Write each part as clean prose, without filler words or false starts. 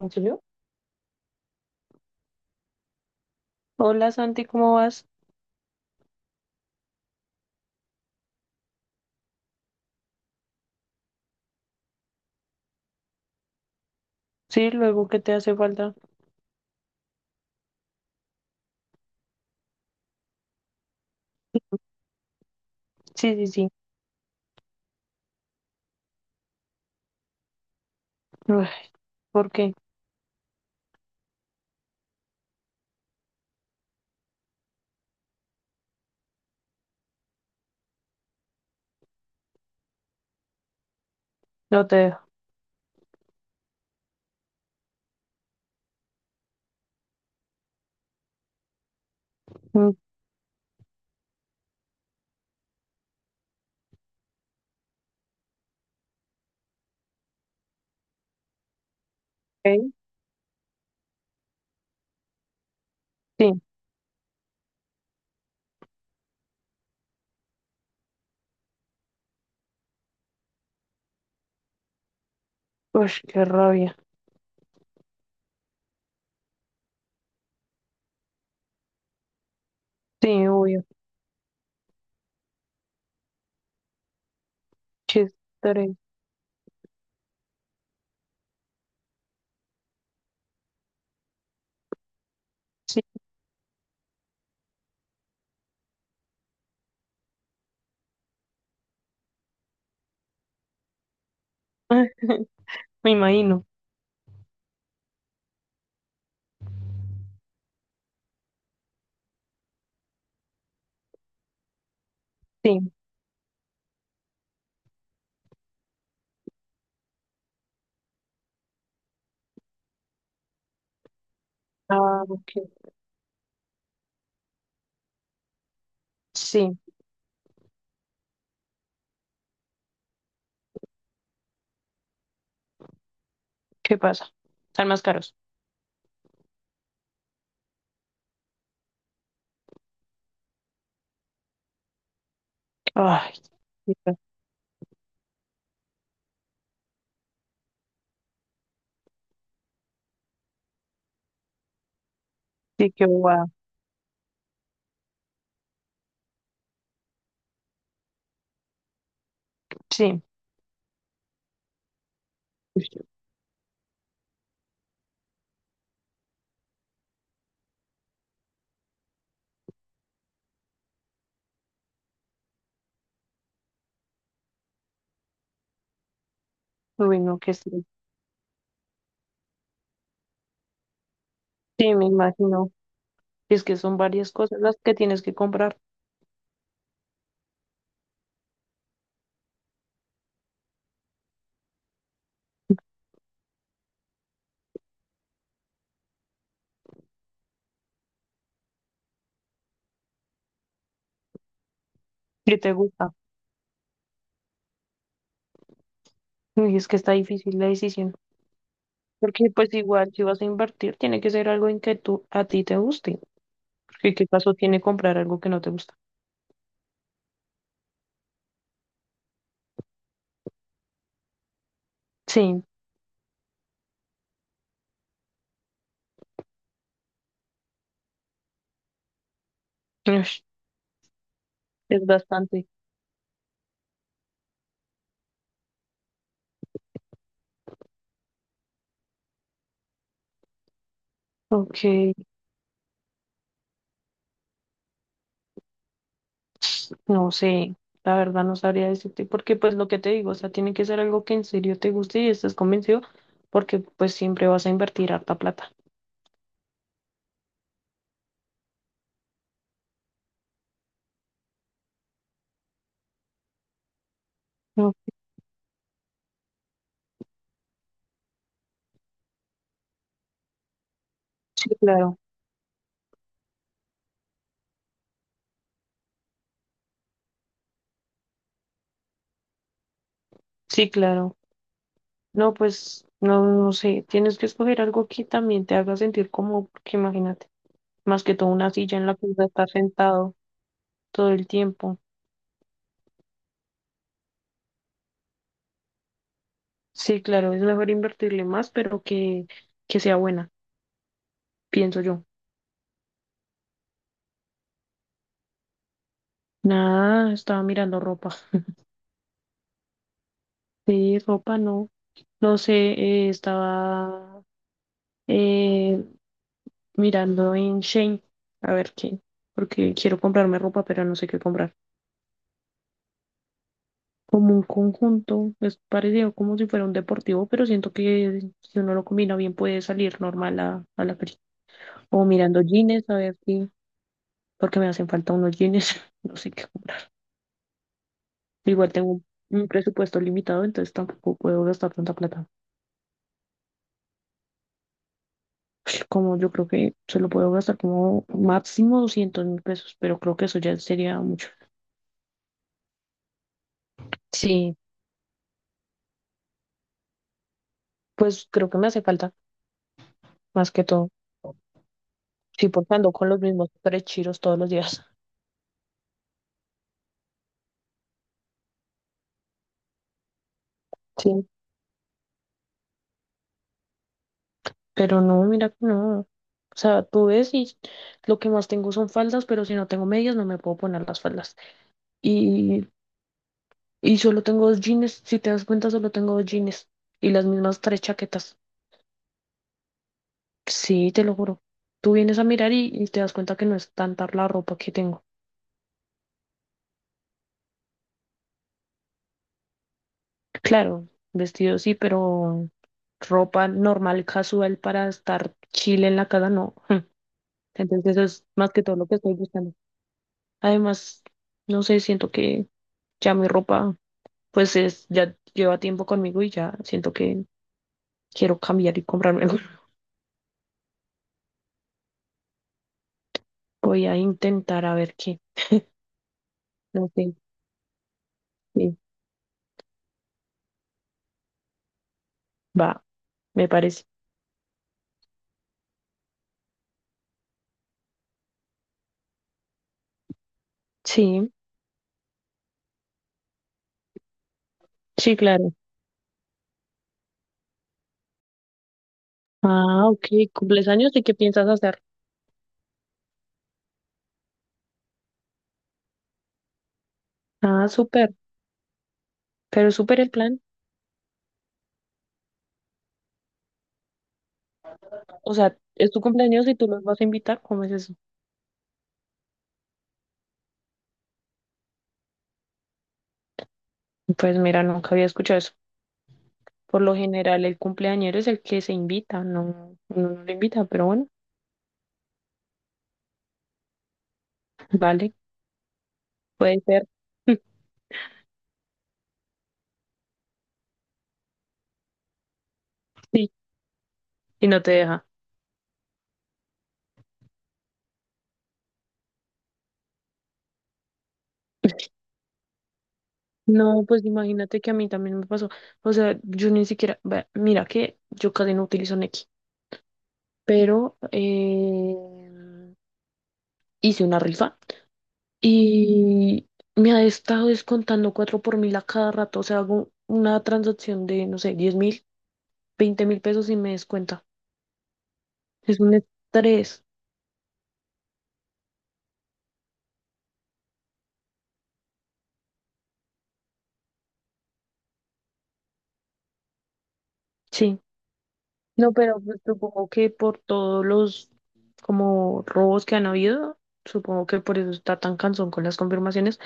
¿Yo? Hola Santi, ¿cómo vas? Sí, luego que te hace falta. Sí, sí, sí. Uy, ¿por qué? No te dejo. Ok, sí. Uy, qué rabia. Sí, obvio. Chistere. Sí, ay, me imagino. Sí. Ah, ok. Sí, ¿qué pasa? Están más caros. Ay, chica, sí, qué guau. Sí. Uy, uy, no, qué estrés. Sí, me imagino. Y es que son varias cosas las que tienes que comprar. ¿Qué te gusta? Uy, es que está difícil la decisión. Porque pues igual si vas a invertir, tiene que ser algo en que tú a ti te guste. Porque qué caso tiene comprar algo que no te gusta. Sí, ush, es bastante. Ok, no sé, la verdad no sabría decirte, porque pues lo que te digo, o sea, tiene que ser algo que en serio te guste y estés convencido, porque pues siempre vas a invertir harta plata. No, sí, claro, sí, claro. No, pues no, no sé, tienes que escoger algo que también te haga sentir cómodo, porque imagínate, más que todo una silla en la que vas a estar sentado todo el tiempo. Sí, claro, es mejor invertirle más, pero que sea buena, pienso yo. Nada, estaba mirando ropa. Sí, ropa no. No sé, estaba eh, mirando en Shein, a ver qué, porque quiero comprarme ropa, pero no sé qué comprar. Como un conjunto, es parecido como si fuera un deportivo, pero siento que si uno lo combina bien puede salir normal a la película. O mirando jeans, a ver si, porque me hacen falta unos jeans, no sé qué. Igual tengo un presupuesto limitado, entonces tampoco puedo gastar tanta plata. Como yo creo que se lo puedo gastar como máximo 200.000 pesos, pero creo que eso ya sería mucho. Sí, pues creo que me hace falta, más que todo. Sí, porque ando con los mismos tres chiros todos los días. Sí, pero no, mira que no. O sea, tú ves y lo que más tengo son faldas, pero si no tengo medias no me puedo poner las faldas. Y, y solo tengo dos jeans, si te das cuenta, solo tengo dos jeans y las mismas tres chaquetas. Sí, te lo juro. Tú vienes a mirar y te das cuenta que no es tanta la ropa que tengo. Claro, vestido sí, pero ropa normal, casual para estar chile en la casa, no. Entonces eso es más que todo lo que estoy buscando. Además, no sé, siento que ya mi ropa, pues es, ya lleva tiempo conmigo y ya siento que quiero cambiar y comprarme algo. Voy a intentar a ver qué. No sé, sí, va, me parece. Sí, sí, claro. Ah, ok, cumples años y qué piensas hacer. Ah, súper, pero súper el plan. O sea, es tu cumpleaños y tú los vas a invitar, ¿cómo es eso? Pues mira, nunca había escuchado eso. Por lo general, el cumpleañero es el que se invita, no, uno no lo invita, pero bueno, vale, puede ser. Sí, y no te deja. No, pues imagínate que a mí también me pasó. O sea, yo ni siquiera, ve- mira que yo casi no utilizo Nequi, pero hice una rifa. Y me ha estado descontando 4 por mil a cada rato. O sea, hago una transacción de, no sé, 10.000, 20.000 pesos y me descuenta. Es un estrés, sí. No, pero pues supongo que por todos los como robos que han habido, supongo que por eso está tan cansón con las confirmaciones,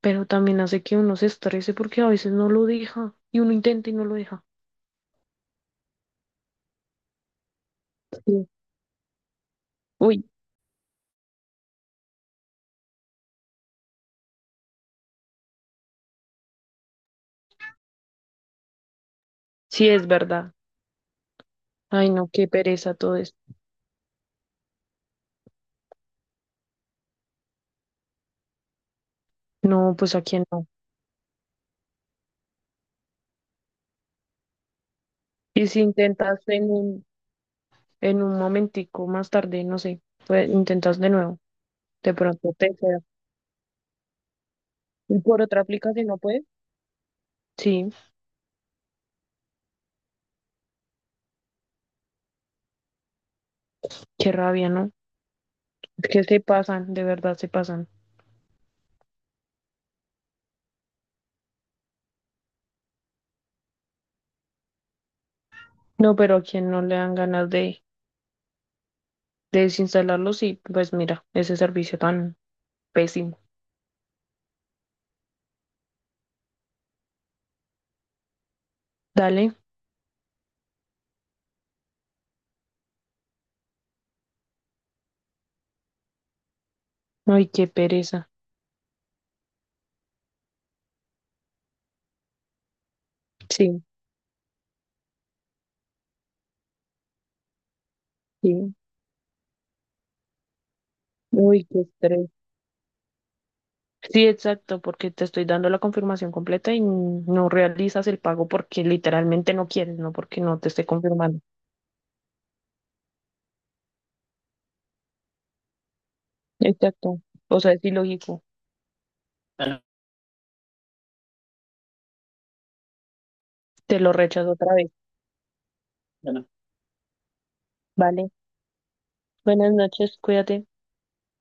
pero también hace que uno se estrese porque a veces no lo deja y uno intenta y no lo deja. Sí. Uy, sí es verdad. Ay, no, qué pereza todo esto. No, pues a quién no. Y si intentas en un momentico más tarde, no sé, pues intentas de nuevo, de pronto te queda. Y por otra aplicación no puedes. Sí, qué rabia, ¿no? Es que se pasan, de verdad se pasan. No, pero a quien no le dan ganas de desinstalarlo, sí, pues mira, ese servicio tan pésimo. Dale, ay, qué pereza. Sí, sí, uy, qué estrés. Sí, exacto, porque te estoy dando la confirmación completa y no realizas el pago porque literalmente no quieres, no porque no te esté confirmando. Exacto. O sea, es ilógico. Bueno, te lo rechazo otra vez, bueno, ¿vale? Buenas noches, cuídate.